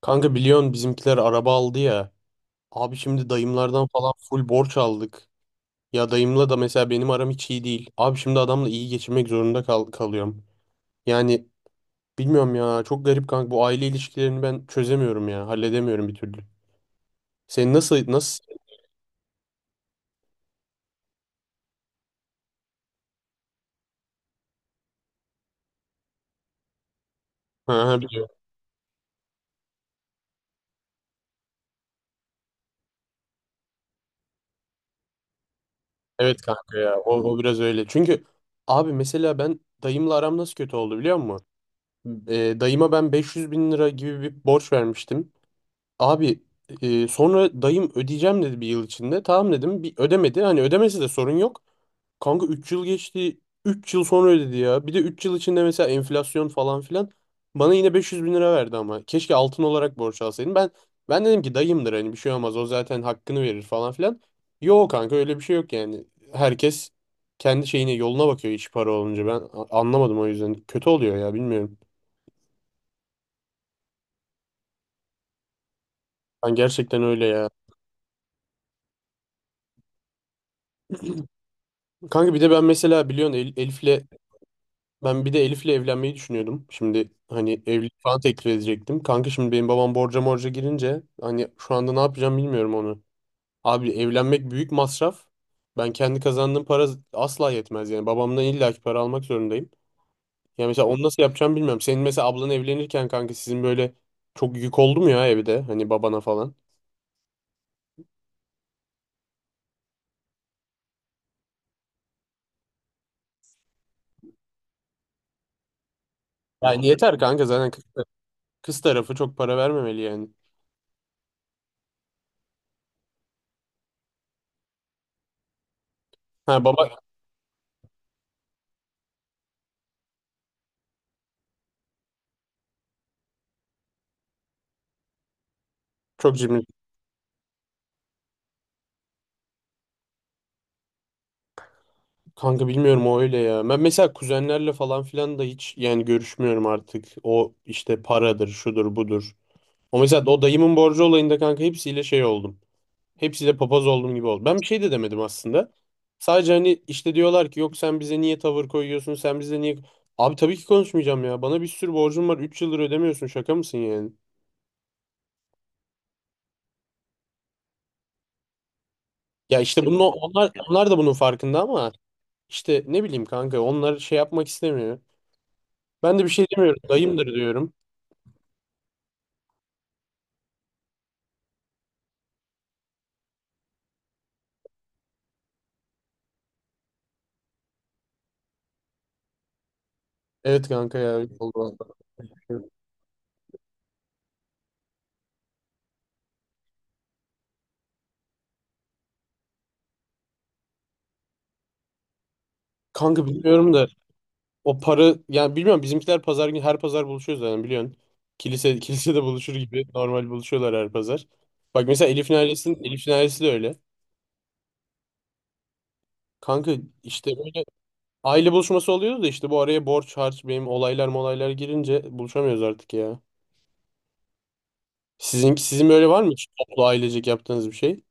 Kanka biliyorsun bizimkiler araba aldı ya. Abi şimdi dayımlardan falan full borç aldık. Ya dayımla da mesela benim aram hiç iyi değil. Abi şimdi adamla iyi geçinmek zorunda kalıyorum. Yani bilmiyorum ya, çok garip kanka, bu aile ilişkilerini ben çözemiyorum ya. Halledemiyorum bir türlü. Sen nasıl? Ha, ha, biliyorum. Evet kanka ya, o biraz öyle. Çünkü abi mesela ben dayımla aram nasıl kötü oldu biliyor musun? Dayıma ben 500 bin lira gibi bir borç vermiştim. Abi, sonra dayım ödeyeceğim dedi bir yıl içinde. Tamam dedim. Bir ödemedi. Hani ödemesi de sorun yok. Kanka 3 yıl geçti. Üç yıl sonra ödedi ya. Bir de 3 yıl içinde mesela enflasyon falan filan. Bana yine 500 bin lira verdi ama. Keşke altın olarak borç alsaydım. Ben dedim ki dayımdır, hani bir şey olmaz. O zaten hakkını verir falan filan. Yok kanka, öyle bir şey yok yani. Herkes kendi yoluna bakıyor iş para olunca. Ben anlamadım o yüzden. Kötü oluyor ya, bilmiyorum. Ben gerçekten öyle ya. Kanka bir de ben mesela biliyorsun Elif'le ben bir de Elif'le evlenmeyi düşünüyordum. Şimdi hani evlilik falan teklif edecektim. Kanka şimdi benim babam borca morca girince hani şu anda ne yapacağım bilmiyorum onu. Abi evlenmek büyük masraf. Ben kendi kazandığım para asla yetmez yani. Babamdan illaki para almak zorundayım. Yani mesela onu nasıl yapacağım bilmiyorum. Senin mesela ablan evlenirken kanka sizin böyle çok yük oldu mu ya evde, hani babana falan? Yani yeter kanka, zaten kız tarafı çok para vermemeli yani. Ha baba, çok cimri. Kanka bilmiyorum, o öyle ya. Ben mesela kuzenlerle falan filan da hiç yani görüşmüyorum artık. O işte paradır, şudur, budur. O mesela o dayımın borcu olayında kanka hepsiyle şey oldum. Hepsiyle papaz olduğum gibi oldu. Ben bir şey de demedim aslında. Sadece hani işte diyorlar ki yok sen bize niye tavır koyuyorsun, sen bize niye... Abi tabii ki konuşmayacağım ya. Bana bir sürü borcum var. Üç yıldır ödemiyorsun. Şaka mısın yani? Ya işte bunu onlar da bunun farkında, ama işte ne bileyim kanka onlar şey yapmak istemiyor. Ben de bir şey demiyorum. Dayımdır diyorum. Evet kanka ya, öyle oldu valla. Kanka bilmiyorum da o para yani bilmiyorum, bizimkiler pazar günü, her pazar buluşuyoruz zaten biliyorsun. Kilise kilisede buluşur gibi normal buluşuyorlar her pazar. Bak mesela Elif'in ailesi de öyle. Kanka işte böyle aile buluşması oluyordu da işte bu araya borç harç benim olaylar molaylar girince buluşamıyoruz artık ya. Sizin böyle var mı hiç toplu ailecek yaptığınız bir şey?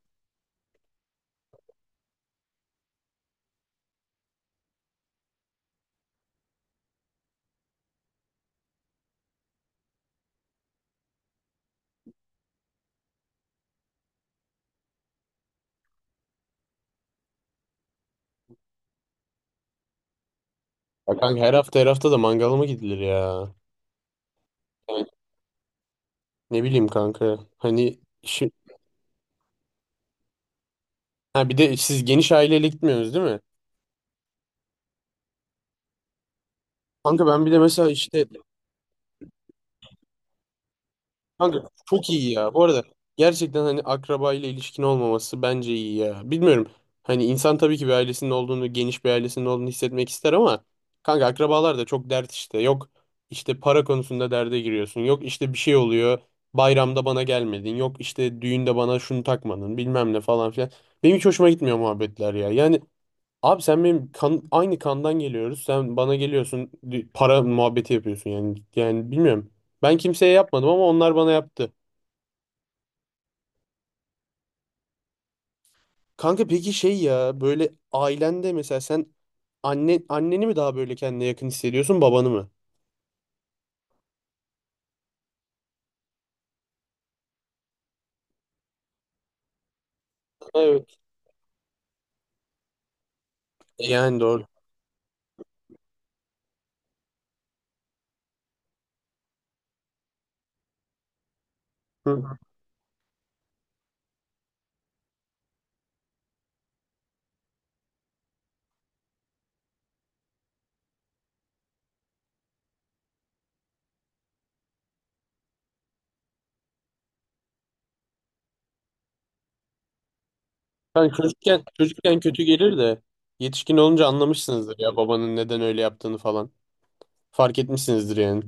Ya kanka, her hafta da mangala mı gidilir ya? Yani ne bileyim kanka. Hani ha, bir de siz geniş aileyle gitmiyorsunuz değil mi? Kanka ben bir de mesela işte kanka çok iyi ya. Bu arada gerçekten hani akraba ile ilişkin olmaması bence iyi ya. Bilmiyorum. Hani insan tabii ki bir ailesinin olduğunu, geniş bir ailesinin olduğunu hissetmek ister ama kanka akrabalar da çok dert işte. Yok işte para konusunda derde giriyorsun. Yok işte bir şey oluyor. Bayramda bana gelmedin. Yok işte düğünde bana şunu takmadın, bilmem ne falan filan. Benim hiç hoşuma gitmiyor muhabbetler ya. Yani abi sen benim aynı kandan geliyoruz. Sen bana geliyorsun, para muhabbeti yapıyorsun yani. Yani bilmiyorum. Ben kimseye yapmadım ama onlar bana yaptı. Kanka peki şey ya, böyle ailende mesela sen anneni mi daha böyle kendine yakın hissediyorsun, babanı mı? Evet. Yani doğru. Hı. Kanka çocukken, kötü gelir de yetişkin olunca anlamışsınızdır ya babanın neden öyle yaptığını falan. Fark etmişsinizdir yani.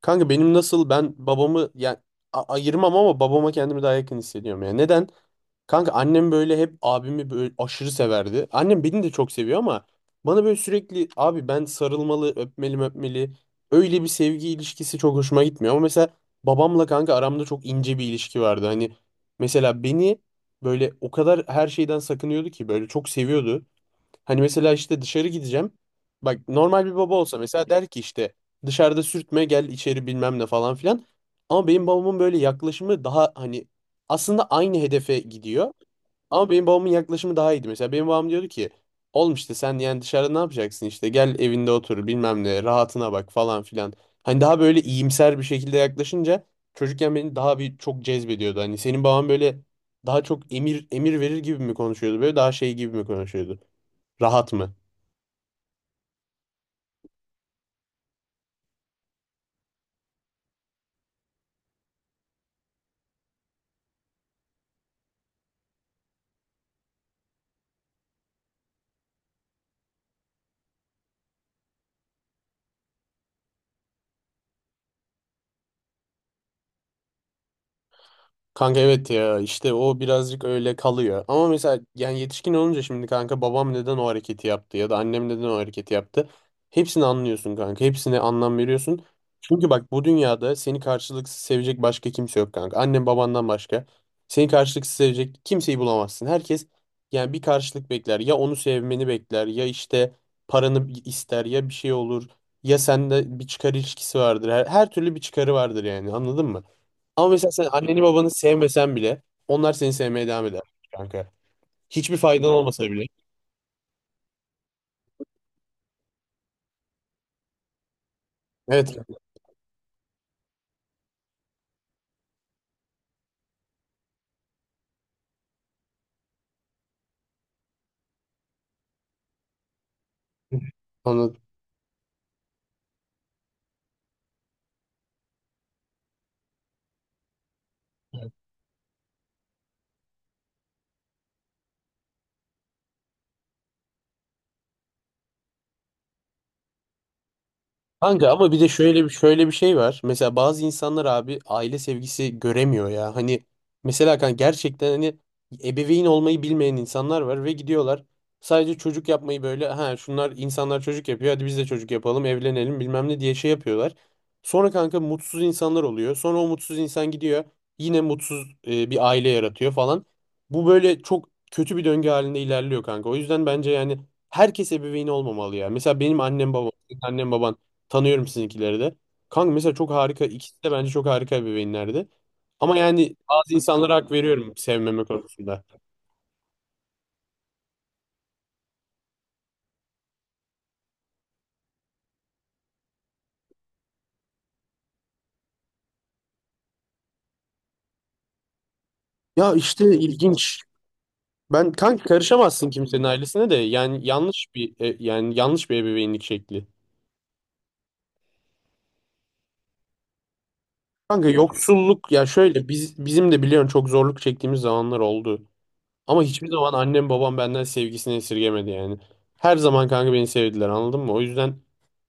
Kanka benim nasıl, ben babamı yani ayırmam ama babama kendimi daha yakın hissediyorum ya. Neden? Kanka annem böyle hep abimi böyle aşırı severdi. Annem beni de çok seviyor ama bana böyle sürekli abi, ben sarılmalı, öpmeli, öpmeli. Öyle bir sevgi ilişkisi çok hoşuma gitmiyor. Ama mesela babamla kanka aramda çok ince bir ilişki vardı. Hani mesela beni böyle o kadar her şeyden sakınıyordu ki, böyle çok seviyordu. Hani mesela işte dışarı gideceğim. Bak normal bir baba olsa mesela der ki işte dışarıda sürtme, gel içeri, bilmem ne falan filan. Ama benim babamın böyle yaklaşımı daha hani aslında aynı hedefe gidiyor. Ama benim babamın yaklaşımı daha iyiydi. Mesela benim babam diyordu ki oğlum işte sen yani dışarıda ne yapacaksın, işte gel evinde otur bilmem ne, rahatına bak falan filan. Hani daha böyle iyimser bir şekilde yaklaşınca çocukken beni daha bir çok cezbediyordu. Hani senin baban böyle daha çok emir verir gibi mi konuşuyordu, böyle daha şey gibi mi konuşuyordu? Rahat mı? Kanka evet ya, işte o birazcık öyle kalıyor. Ama mesela yani yetişkin olunca şimdi kanka babam neden o hareketi yaptı ya da annem neden o hareketi yaptı. Hepsini anlıyorsun kanka. Hepsine anlam veriyorsun. Çünkü bak, bu dünyada seni karşılıksız sevecek başka kimse yok kanka. Annen babandan başka. Seni karşılıksız sevecek kimseyi bulamazsın. Herkes yani bir karşılık bekler. Ya onu sevmeni bekler, ya işte paranı ister, ya bir şey olur. Ya sende bir çıkar ilişkisi vardır. Her türlü bir çıkarı vardır yani, anladın mı? Ama mesela sen anneni babanı sevmesen bile onlar seni sevmeye devam eder kanka. Hiçbir faydan olmasa bile. Evet. Anladım. Kanka ama bir de şöyle bir şey var. Mesela bazı insanlar abi aile sevgisi göremiyor ya. Hani mesela kanka gerçekten hani ebeveyn olmayı bilmeyen insanlar var ve gidiyorlar sadece çocuk yapmayı böyle, ha şunlar insanlar çocuk yapıyor hadi biz de çocuk yapalım evlenelim bilmem ne diye şey yapıyorlar. Sonra kanka mutsuz insanlar oluyor. Sonra o mutsuz insan gidiyor yine mutsuz bir aile yaratıyor falan. Bu böyle çok kötü bir döngü halinde ilerliyor kanka. O yüzden bence yani herkes ebeveyn olmamalı ya. Mesela benim annem babam, senin annen baban, tanıyorum sizinkileri de. Kanka mesela çok harika. İkisi de bence çok harika ebeveynlerdi. Ama yani bazı insanlara hak veriyorum sevmeme konusunda. Ya işte ilginç. Ben kanka, karışamazsın kimsenin ailesine de. Yani yanlış bir yani yanlış bir ebeveynlik şekli. Kanka yoksulluk ya, şöyle biz, bizim de biliyorsun çok zorluk çektiğimiz zamanlar oldu. Ama hiçbir zaman annem babam benden sevgisini esirgemedi yani. Her zaman kanka beni sevdiler, anladın mı? O yüzden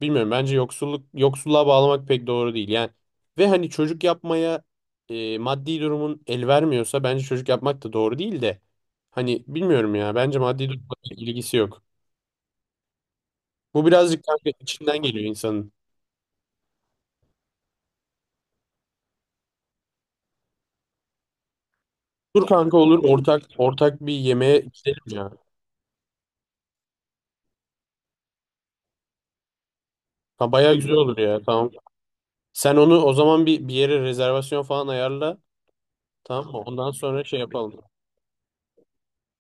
bilmiyorum, bence yoksulluk, yoksulluğa bağlamak pek doğru değil yani. Ve hani çocuk yapmaya, maddi durumun el vermiyorsa bence çocuk yapmak da doğru değil de. Hani bilmiyorum ya, bence maddi durumla pek ilgisi yok. Bu birazcık kanka içinden geliyor insanın. Dur kanka, olur, ortak bir yemeğe gidelim ya. Ha, bayağı güzel olur ya, tamam. Sen onu o zaman bir yere rezervasyon falan ayarla. Tamam mı? Ondan sonra şey yapalım.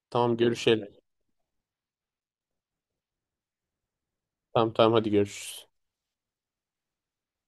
Tamam, görüşelim. Tamam, hadi görüşürüz.